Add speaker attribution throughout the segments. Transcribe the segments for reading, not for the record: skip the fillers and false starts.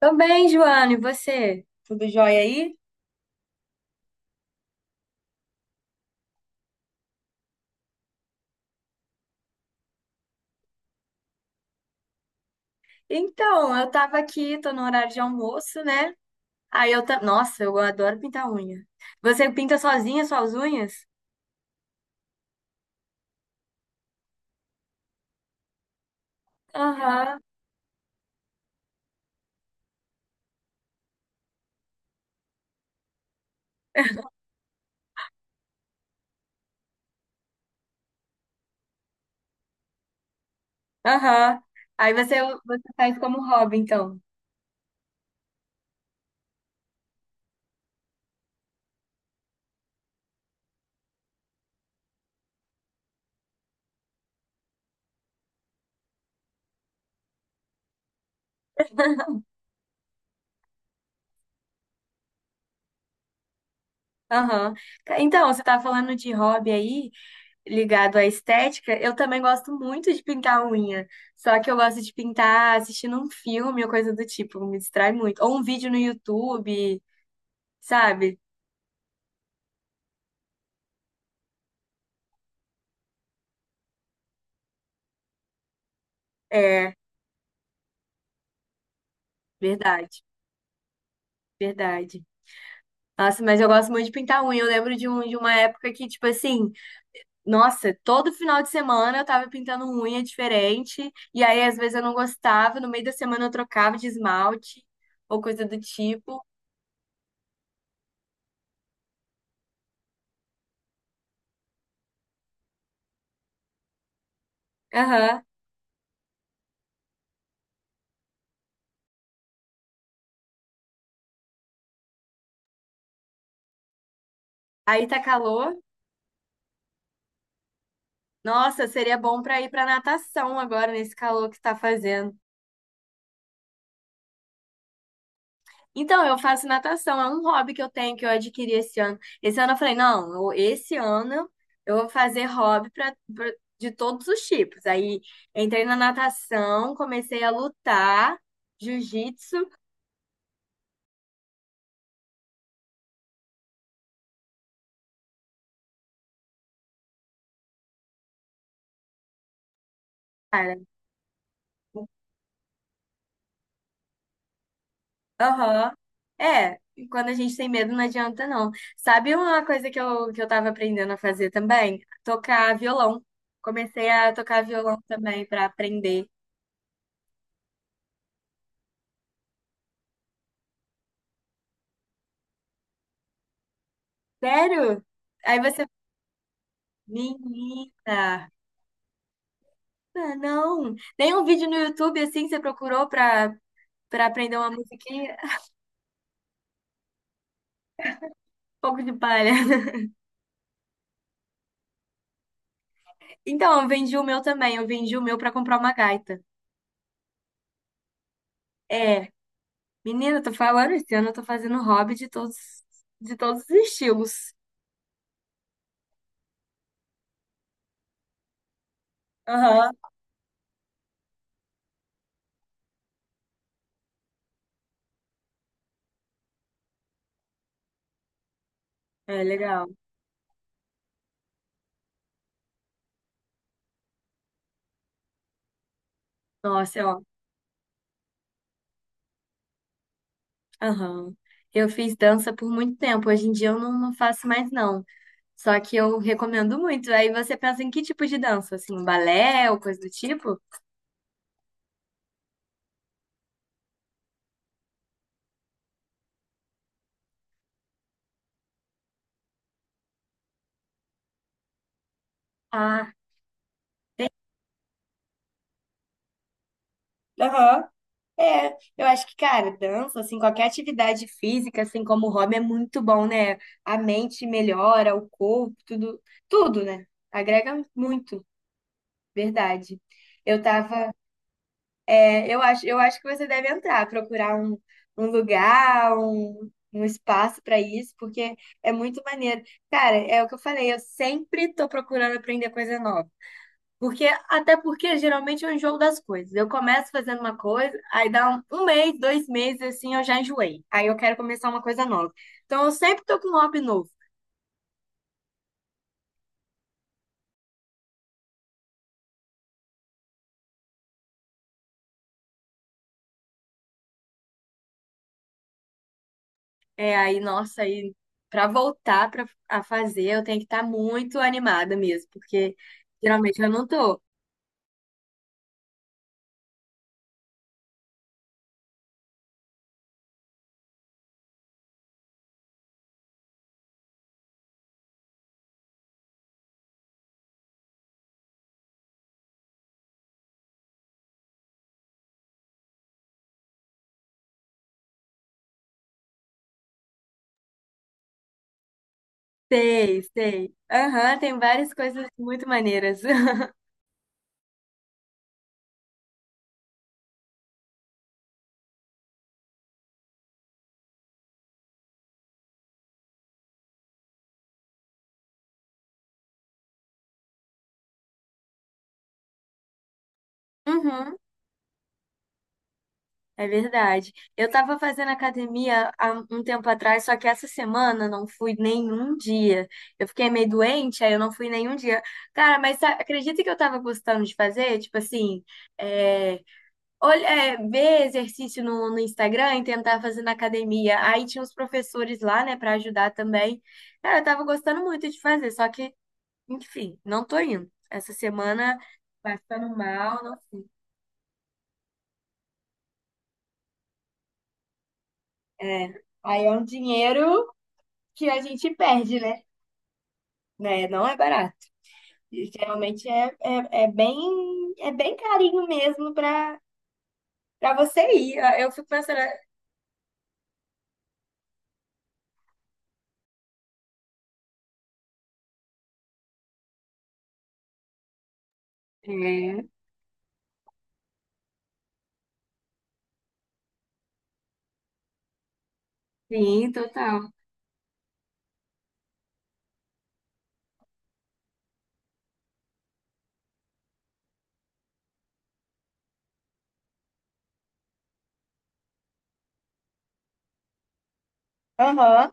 Speaker 1: Tô bem, Joana, e você? Tudo jóia aí? Então, eu tava aqui, tô no horário de almoço, né? Nossa, eu adoro pintar unha. Você pinta sozinha suas unhas? Aham, aham. Aí você faz como hobby, então. Aham. Então, você tava falando de hobby aí, ligado à estética. Eu também gosto muito de pintar unha. Só que eu gosto de pintar assistindo um filme ou coisa do tipo, me distrai muito. Ou um vídeo no YouTube, sabe? É, verdade. Verdade. Nossa, mas eu gosto muito de pintar unha. Eu lembro de uma época que, tipo assim, nossa, todo final de semana eu tava pintando unha diferente. E aí, às vezes, eu não gostava. No meio da semana eu trocava de esmalte ou coisa do tipo. Aham. Aí tá calor. Nossa, seria bom pra ir pra natação agora, nesse calor que tá fazendo. Então, eu faço natação, é um hobby que eu tenho que eu adquiri esse ano. Esse ano eu falei, não, esse ano eu vou fazer hobby de todos os tipos. Aí entrei na natação, comecei a lutar, jiu-jitsu, cara. Aham. É, e quando a gente tem medo não adianta não. Sabe uma coisa que eu tava aprendendo a fazer também? Tocar violão. Comecei a tocar violão também pra aprender. Sério? Aí você, menina. Ah, não, nenhum vídeo no YouTube assim você procurou pra aprender uma musiquinha? Pouco de palha. Então, eu vendi o meu também, eu vendi o meu pra comprar uma gaita. É, menina, eu tô falando esse ano, eu tô fazendo hobby de todos os estilos. Aham. É legal. Nossa, é, ó. Aham. Eu fiz dança por muito tempo, hoje em dia eu não, não faço mais não. Só que eu recomendo muito. Aí você pensa em que tipo de dança? Assim, balé ou coisa do tipo? Ah. Aham. É, eu acho que, cara, dança, assim, qualquer atividade física, assim como o hobby, é muito bom, né? A mente melhora, o corpo, tudo, tudo, né? Agrega muito, verdade. Eu tava, é, eu acho que você deve entrar, procurar um lugar, um espaço pra isso, porque é muito maneiro. Cara, é o que eu falei, eu sempre tô procurando aprender coisa nova. Até porque geralmente eu enjoo das coisas. Eu começo fazendo uma coisa, aí dá um mês, dois meses, assim, eu já enjoei. Aí eu quero começar uma coisa nova. Então eu sempre tô com um hobby novo. É aí, nossa, aí pra voltar a fazer, eu tenho que estar muito animada mesmo, porque geralmente eu não tô. Sei, sei. Aham, tem várias coisas muito maneiras. Uhum. É verdade. Eu estava fazendo academia há um tempo atrás, só que essa semana não fui nenhum dia. Eu fiquei meio doente, aí eu não fui nenhum dia. Cara, mas acredita que eu estava gostando de fazer? Tipo assim, é, olha, ver exercício no, no Instagram e tentar fazer na academia. Aí tinha os professores lá, né, para ajudar também. Cara, eu estava gostando muito de fazer, só que, enfim, não tô indo. Essa semana, passando mal, não fui. É. Aí é um dinheiro que a gente perde, né? Né? Não é barato. E geralmente é bem carinho mesmo para você ir. Eu fico pensando, É, sim, total. Aham.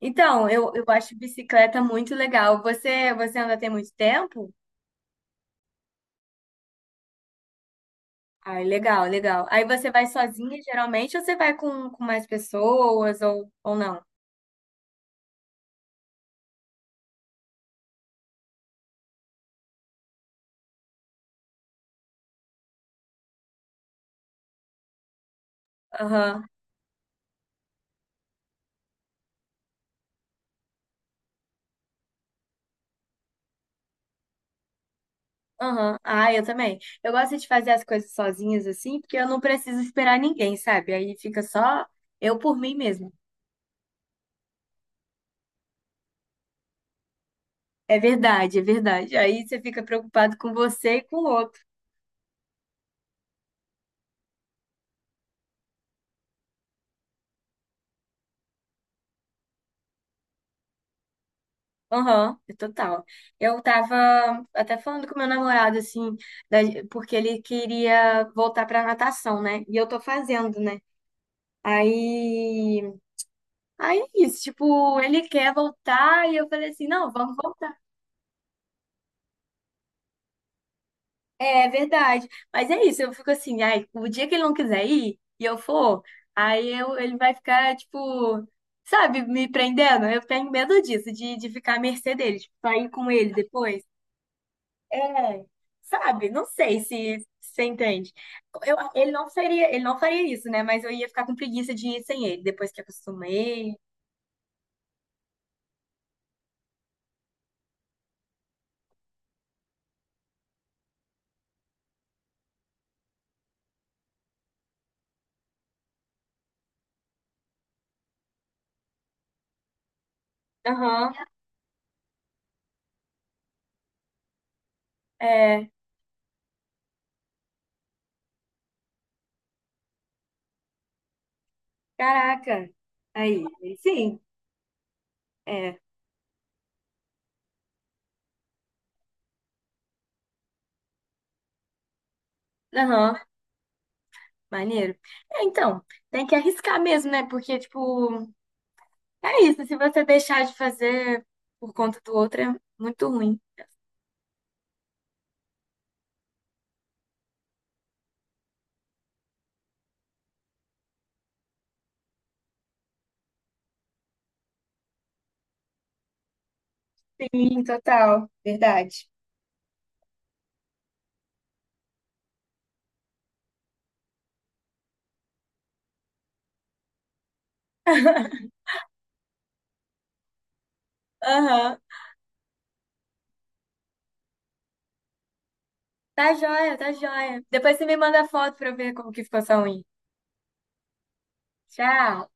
Speaker 1: Então, eu acho bicicleta muito legal. Você anda tem muito tempo? Ai, legal, legal. Aí você vai sozinha geralmente ou você vai com mais pessoas ou não? Aham. Aham. Ah, eu também. Eu gosto de fazer as coisas sozinhas assim, porque eu não preciso esperar ninguém, sabe? Aí fica só eu por mim mesmo. É verdade, é verdade. Aí você fica preocupado com você e com o outro. Aham, é total. Eu tava até falando com meu namorado, assim, da- porque ele queria voltar pra natação, né? E eu tô fazendo, né? Aí, aí é isso, tipo, ele quer voltar e eu falei assim, não, vamos voltar. É verdade. Mas é isso, eu fico assim, ai, o dia que ele não quiser ir e eu for, ele vai ficar, tipo, sabe, me prendendo. Eu tenho medo disso, de ficar à mercê dele, tipo, sair com ele depois. É, sabe, não sei se você entende. Ele não seria, ele não faria isso, né? Mas eu ia ficar com preguiça de ir sem ele, depois que acostumei. Aham. É, caraca. Aí, sim, é. Aham. Maneiro. É, então, tem que arriscar mesmo, né? Porque, tipo, é isso. Se você deixar de fazer por conta do outro, é muito ruim. Sim, total, verdade. Aham. Tá joia, tá joia. Depois você me manda foto pra eu ver como que ficou sua unha. Tchau.